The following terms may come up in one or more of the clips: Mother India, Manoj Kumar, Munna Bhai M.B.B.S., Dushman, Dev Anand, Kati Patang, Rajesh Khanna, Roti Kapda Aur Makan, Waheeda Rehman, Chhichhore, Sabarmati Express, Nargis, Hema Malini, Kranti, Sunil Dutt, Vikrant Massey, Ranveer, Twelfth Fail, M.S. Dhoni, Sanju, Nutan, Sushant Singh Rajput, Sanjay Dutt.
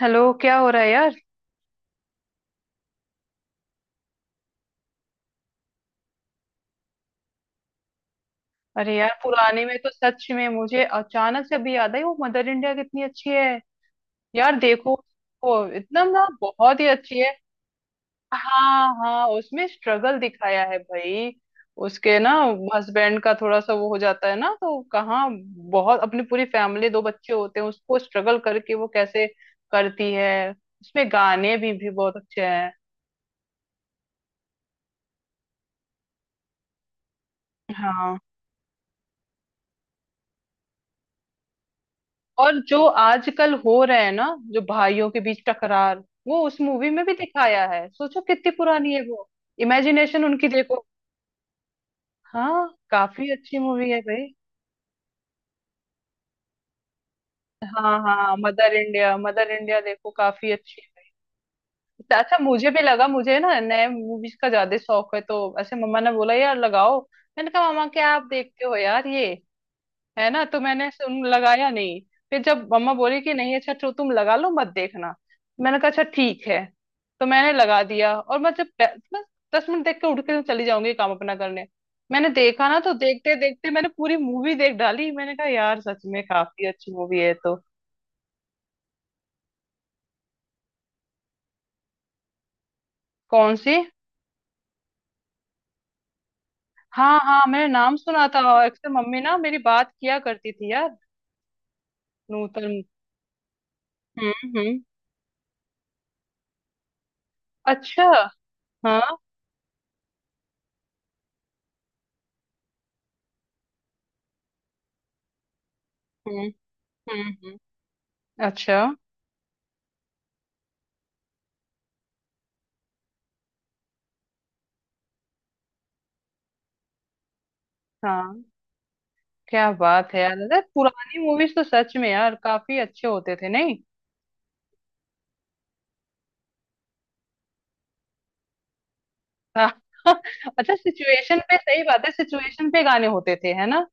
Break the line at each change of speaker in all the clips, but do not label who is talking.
Hello! क्या हो रहा है, यार? अरे यार, पुराने में तो सच में मुझे अचानक से अभी याद आई। वो मदर इंडिया कितनी अच्छी है। यार देखो। वो इतना ना, बहुत ही अच्छी है। हाँ, हाँ, उसमें स्ट्रगल दिखाया है भाई। उसके ना हस्बैंड का थोड़ा सा वो हो जाता है ना, तो कहाँ, बहुत अपनी पूरी फैमिली, दो बच्चे होते हैं उसको, स्ट्रगल करके वो कैसे करती है। उसमें गाने भी बहुत अच्छे हैं। हाँ, और जो आजकल हो रहे हैं ना, जो भाइयों के बीच टकरार, वो उस मूवी में भी दिखाया है। सोचो कितनी पुरानी है वो। इमेजिनेशन उनकी देखो। हाँ, काफी अच्छी मूवी है भाई। हाँ, हाँ, मदर इंडिया, मदर इंडिया देखो। काफी अच्छी है। अच्छा, मुझे भी लगा, मुझे ना नए मूवीज का ज्यादा शौक है, तो ऐसे मम्मा ने बोला, यार लगाओ। मैंने कहा, मामा क्या आप देखते हो यार ये, है ना। तो मैंने सुन, लगाया नहीं। फिर जब मम्मा बोली कि नहीं अच्छा, तो तुम लगा लो, मत देखना। मैंने कहा, अच्छा ठीक है। तो मैंने लगा दिया, और मैं जब मैं 10 मिनट देख के उठ के चली जाऊंगी, काम अपना करने। मैंने देखा ना, तो देखते देखते मैंने पूरी मूवी देख डाली। मैंने कहा, यार सच में काफी अच्छी मूवी है तो। कौन सी। हाँ, हाँ, मैंने नाम सुना था, और अक्सर मम्मी ना मेरी बात किया करती थी यार। नूतन। हम्म, हम्म, अच्छा। हाँ। हम्म, हम्म, अच्छा। हाँ। क्या बात है यार, अरे पुरानी मूवीज तो सच में यार काफी अच्छे होते थे, नहीं। हाँ, अच्छा, सिचुएशन पे सही बात है, सिचुएशन पे गाने होते थे, है ना।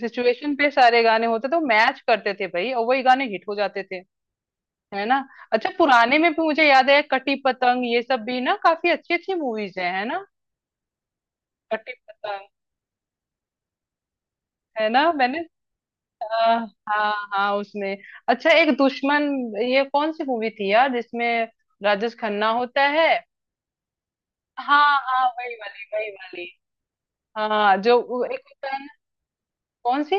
सिचुएशन पे सारे गाने होते तो मैच करते थे भाई, और वही गाने हिट हो जाते थे, है ना। अच्छा, पुराने में भी मुझे याद है, कटी पतंग ये सब भी ना काफी अच्छी अच्छी मूवीज हैं, है ना। कटी पतंग, है ना मैंने, हाँ, हाँ, हाँ, उसमें, अच्छा, एक दुश्मन, ये कौन सी मूवी थी यार जिसमें राजेश खन्ना होता है। हाँ, हाँ, वही वाली, वही वाली। हाँ, जो वो एक होता है ना- कौन सी।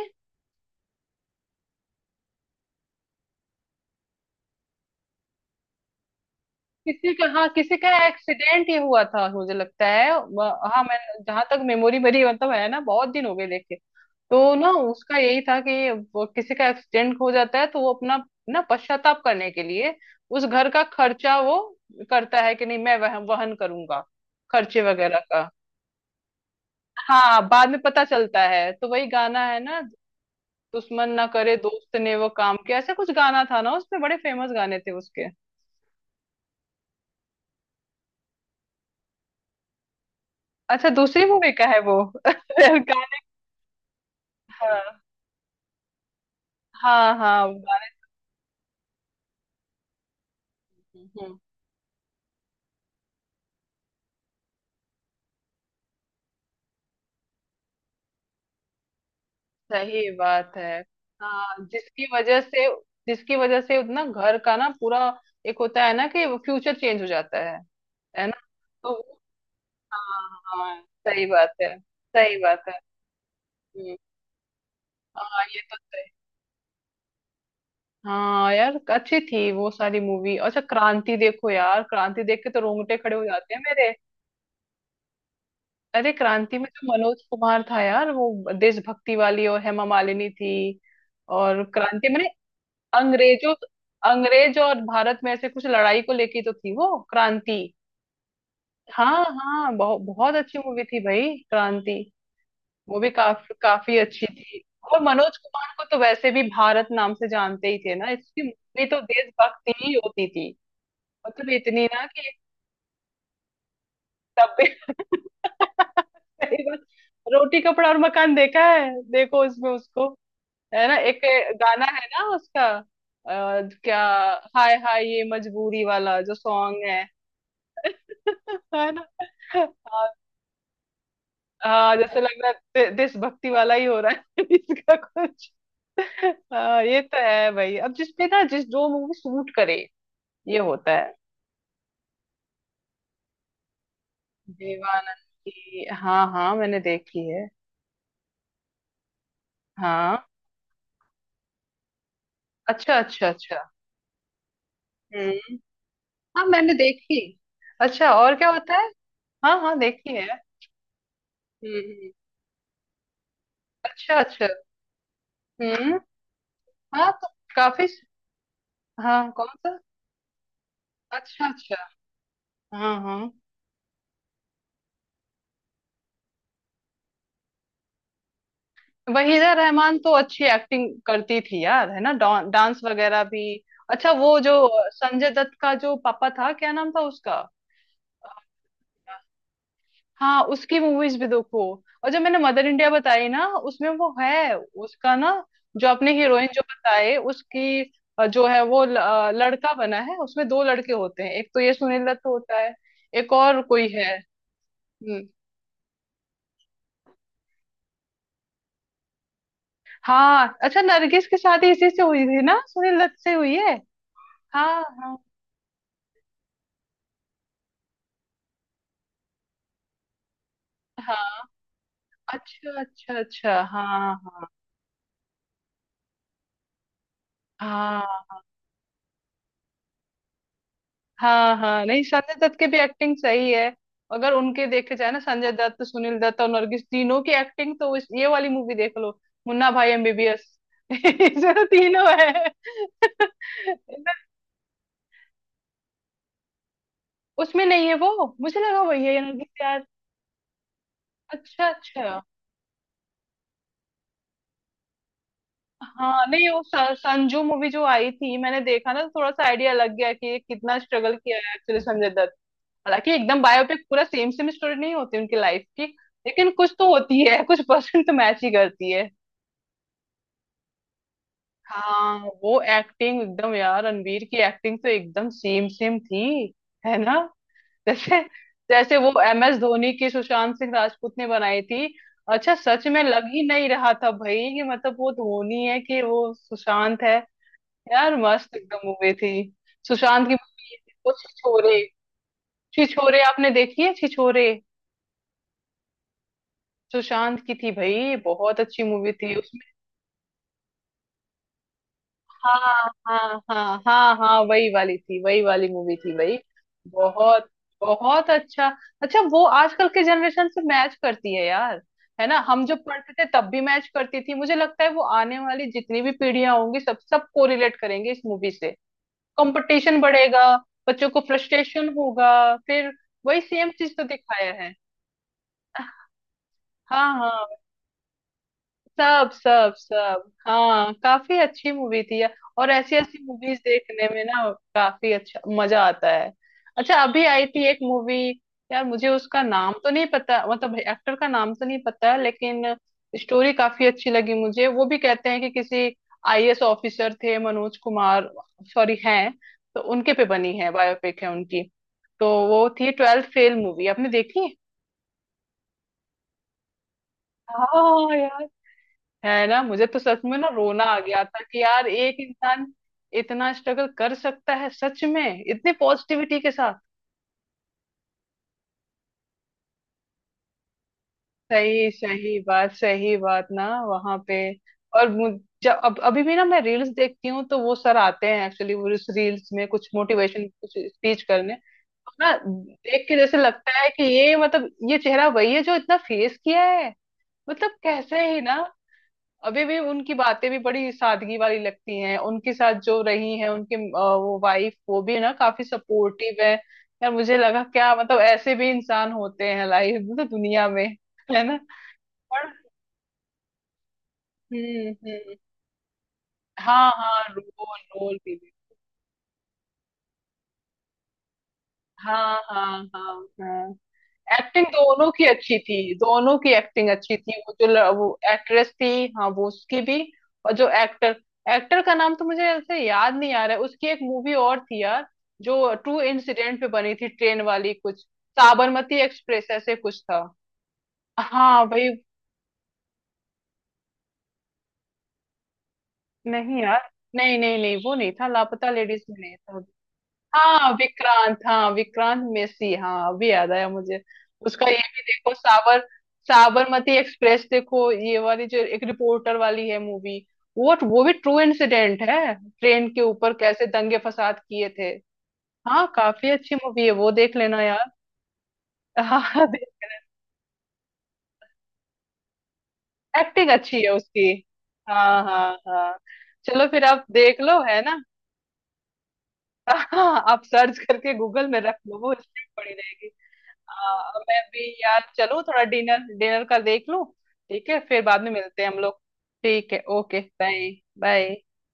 किसी का, हाँ, किसी का एक्सीडेंट ही हुआ था मुझे लगता है, हाँ मैं, जहां तक मेमोरी मेरी मतलब है ना, बहुत दिन हो गए देखे। तो ना उसका यही था कि वो किसी का एक्सीडेंट हो जाता है, तो वो अपना ना पश्चाताप करने के लिए उस घर का खर्चा वो करता है कि नहीं, मैं वहन करूंगा, खर्चे वगैरह का। हाँ, बाद में पता चलता है, तो वही गाना है ना, दुश्मन ना करे दोस्त ने वो काम किया, ऐसा कुछ गाना था ना उसमें, बड़े फेमस गाने थे उसके। अच्छा, दूसरी मूवी का है वो। गा- हाँ, हाँ, हाँ, वो गाना- हम्म, सही बात है। हाँ, जिसकी वजह से ना घर का ना, पूरा एक होता है ना कि फ्यूचर चेंज हो जाता है ना, तो, हाँ, हाँ, सही बात है, सही बात है, हम्म, हाँ, ये तो, हाँ यार अच्छी थी वो सारी मूवी। अच्छा, क्रांति देखो यार, क्रांति देख के तो रोंगटे खड़े हो जाते हैं मेरे। अरे क्रांति में जो मनोज कुमार था यार, वो देशभक्ति वाली, और हेमा मालिनी थी। और क्रांति मैंने, अंग्रेजों अंग्रेज और भारत में ऐसे कुछ लड़ाई को लेके तो थी वो क्रांति। हाँ, हाँ, बहुत बहुत अच्छी मूवी थी भाई क्रांति। वो भी काफी काफी अच्छी थी। और मनोज कुमार को तो वैसे भी भारत नाम से जानते ही थे ना, इसकी मूवी तो देशभक्ति ही होती थी। मतलब इतनी ना कि सब पे। सही बात। रोटी कपड़ा और मकान देखा है? देखो उसमें उसको, है ना, एक गाना है ना उसका, क्या, हाय हाय ये मजबूरी वाला जो सॉन्ग है। है ना। हाँ, जैसे लग रहा है देशभक्ति वाला ही हो रहा है। इसका कुछ, हाँ ये तो है भाई, अब जिसपे ना, जिस जो मूवी सूट करे, ये होता है। देवानंद की, हाँ, हाँ, मैंने देखी है। हाँ, अच्छा, अच्छा, अच्छा, हम्म। हाँ, मैंने देखी। अच्छा, और क्या होता है। हाँ, हाँ, देखी है। हम्म, अच्छा, अच्छा, हम्म। हाँ तो, काफी। हाँ, कौन सा। अच्छा, अच्छा, हाँ, हाँ। वहीदा रहमान तो अच्छी एक्टिंग करती थी यार, है ना, डांस वगैरह भी। अच्छा, वो जो संजय दत्त का जो पापा था, क्या नाम था उसका। हाँ, उसकी मूवीज भी देखो। और जब मैंने मदर इंडिया बताई ना, उसमें वो है, उसका ना, जो अपने हीरोइन जो बताए उसकी, जो है वो लड़का बना है उसमें, दो लड़के होते हैं, एक तो ये सुनील दत्त होता है, एक और कोई है। हम्म, हाँ, अच्छा, नरगिस की शादी इसी से हुई थी ना, सुनील दत्त से हुई है। हाँ, हाँ, हाँ, अच्छा, अच्छा, अच्छा, हाँ। हाँ, हाँ, हाँ नहीं संजय दत्त की भी एक्टिंग सही है। अगर उनके देखे जाए ना, संजय दत्त, सुनील दत्त और नरगिस, तीनों की एक्टिंग तो, ये वाली मूवी देख लो, मुन्ना भाई एमबीबीएस। तीनों है। उसमें नहीं है वो, मुझे लगा वही है नरगिस यार। अच्छा, अच्छा, हाँ नहीं वो, संजू मूवी जो आई थी, मैंने देखा ना, तो थोड़ा सा आइडिया लग गया कि ये कितना स्ट्रगल किया है एक्चुअली संजय दत्त। हालांकि एकदम बायोपिक पूरा सेम सेम स्टोरी नहीं होती उनकी लाइफ की। लेकिन कुछ तो होती है, कुछ परसेंट तो मैच ही करती है। हाँ वो एक्टिंग एकदम यार, रणवीर की एक्टिंग तो एकदम सेम सेम थी, है ना, जैसे, जैसे वो एम एस धोनी की सुशांत सिंह राजपूत ने बनाई थी। अच्छा सच में लग ही नहीं रहा था भाई कि मतलब वो धोनी है कि वो सुशांत है। यार मस्त एकदम मूवी थी सुशांत की। वो छिछोरे, छिछोरे आपने देखी है? छिछोरे सुशांत की थी भाई, बहुत अच्छी मूवी थी उसमें। हाँ, हाँ, हाँ, हाँ, हाँ, वही वाली थी, वही वाली मूवी थी भाई। बहुत, बहुत अच्छा, अच्छा, वो आजकल के जनरेशन से मैच करती है यार, है ना, हम जब पढ़ते थे तब भी मैच करती थी। मुझे लगता है वो आने वाली जितनी भी पीढ़ियां होंगी सब सब को रिलेट करेंगे इस मूवी से। कंपटीशन बढ़ेगा, बच्चों को फ्रस्ट्रेशन होगा, फिर वही सेम चीज तो दिखाया है। हाँ, हाँ, सब सब सब, हाँ काफी अच्छी मूवी थी यार। और ऐसी ऐसी मूवीज देखने में ना काफी अच्छा मजा आता है। अच्छा, अभी आई थी एक मूवी यार, मुझे उसका नाम तो नहीं पता, मतलब एक्टर का नाम तो नहीं पता है, लेकिन स्टोरी काफी अच्छी लगी मुझे। वो भी कहते हैं कि किसी आईएएस ऑफिसर थे मनोज कुमार, सॉरी हैं, तो उनके पे बनी है, बायोपिक है उनकी। तो वो थी ट्वेल्थ फेल मूवी, आपने देखी है? हाँ यार, है ना, मुझे तो सच में ना रोना आ गया था कि यार एक इंसान इतना स्ट्रगल कर सकता है, सच में इतनी पॉजिटिविटी के साथ। सही, सही बात, सही बात ना वहां पे। और जब अब अभी भी ना मैं रील्स देखती हूँ, तो वो सर आते हैं एक्चुअली, वो उस रील्स में कुछ मोटिवेशन कुछ स्पीच करने, तो ना देख के जैसे लगता है कि ये मतलब ये चेहरा वही है जो इतना फेस किया है। मतलब कैसे ही ना, अभी भी उनकी बातें भी बड़ी सादगी वाली लगती हैं, उनके साथ जो रही हैं उनके, वो वाइफ, वो भी ना काफी सपोर्टिव है। यार मुझे लगा, क्या मतलब ऐसे भी इंसान होते हैं लाइफ मतलब दुनिया में, है ना, पर, हम्म, हम्म, हाँ, हाँ, रोल रोल भी, हाँ, हाँ, हाँ, हाँ, एक्टिंग दोनों की अच्छी थी, दोनों की एक्टिंग अच्छी थी, वो जो वो एक्ट्रेस थी। हाँ, वो उसकी भी। और जो एक्टर, एक्टर का नाम तो मुझे ऐसे याद नहीं आ रहा है, उसकी एक मूवी और थी यार, जो ट्रू इंसिडेंट पे बनी थी, ट्रेन वाली कुछ, साबरमती एक्सप्रेस ऐसे कुछ था। हाँ भाई। नहीं यार। नहीं, नहीं, नहीं, वो नहीं था, लापता लेडीज में नहीं था। हाँ विक्रांत, हाँ विक्रांत मेसी, हाँ अभी याद आया मुझे। उसका ये भी देखो, साबरमती एक्सप्रेस देखो, ये वाली जो एक रिपोर्टर वाली है मूवी। वो भी ट्रू इंसिडेंट है, ट्रेन के ऊपर कैसे दंगे फसाद किए थे। हाँ, काफी अच्छी मूवी है वो, देख लेना यार। हाँ, एक्टिंग अच्छी है उसकी। हाँ, हाँ, हाँ। चलो फिर आप देख लो, है ना। हाँ आप सर्च करके गूगल में रख लो, वो हिस्ट्री पड़ी रहेगी। हाँ, मैं भी यार चलूँ, थोड़ा डिनर डिनर का देख लूँ। ठीक है, फिर बाद में मिलते हैं हम लोग। ठीक है, ओके, बाय। बाय।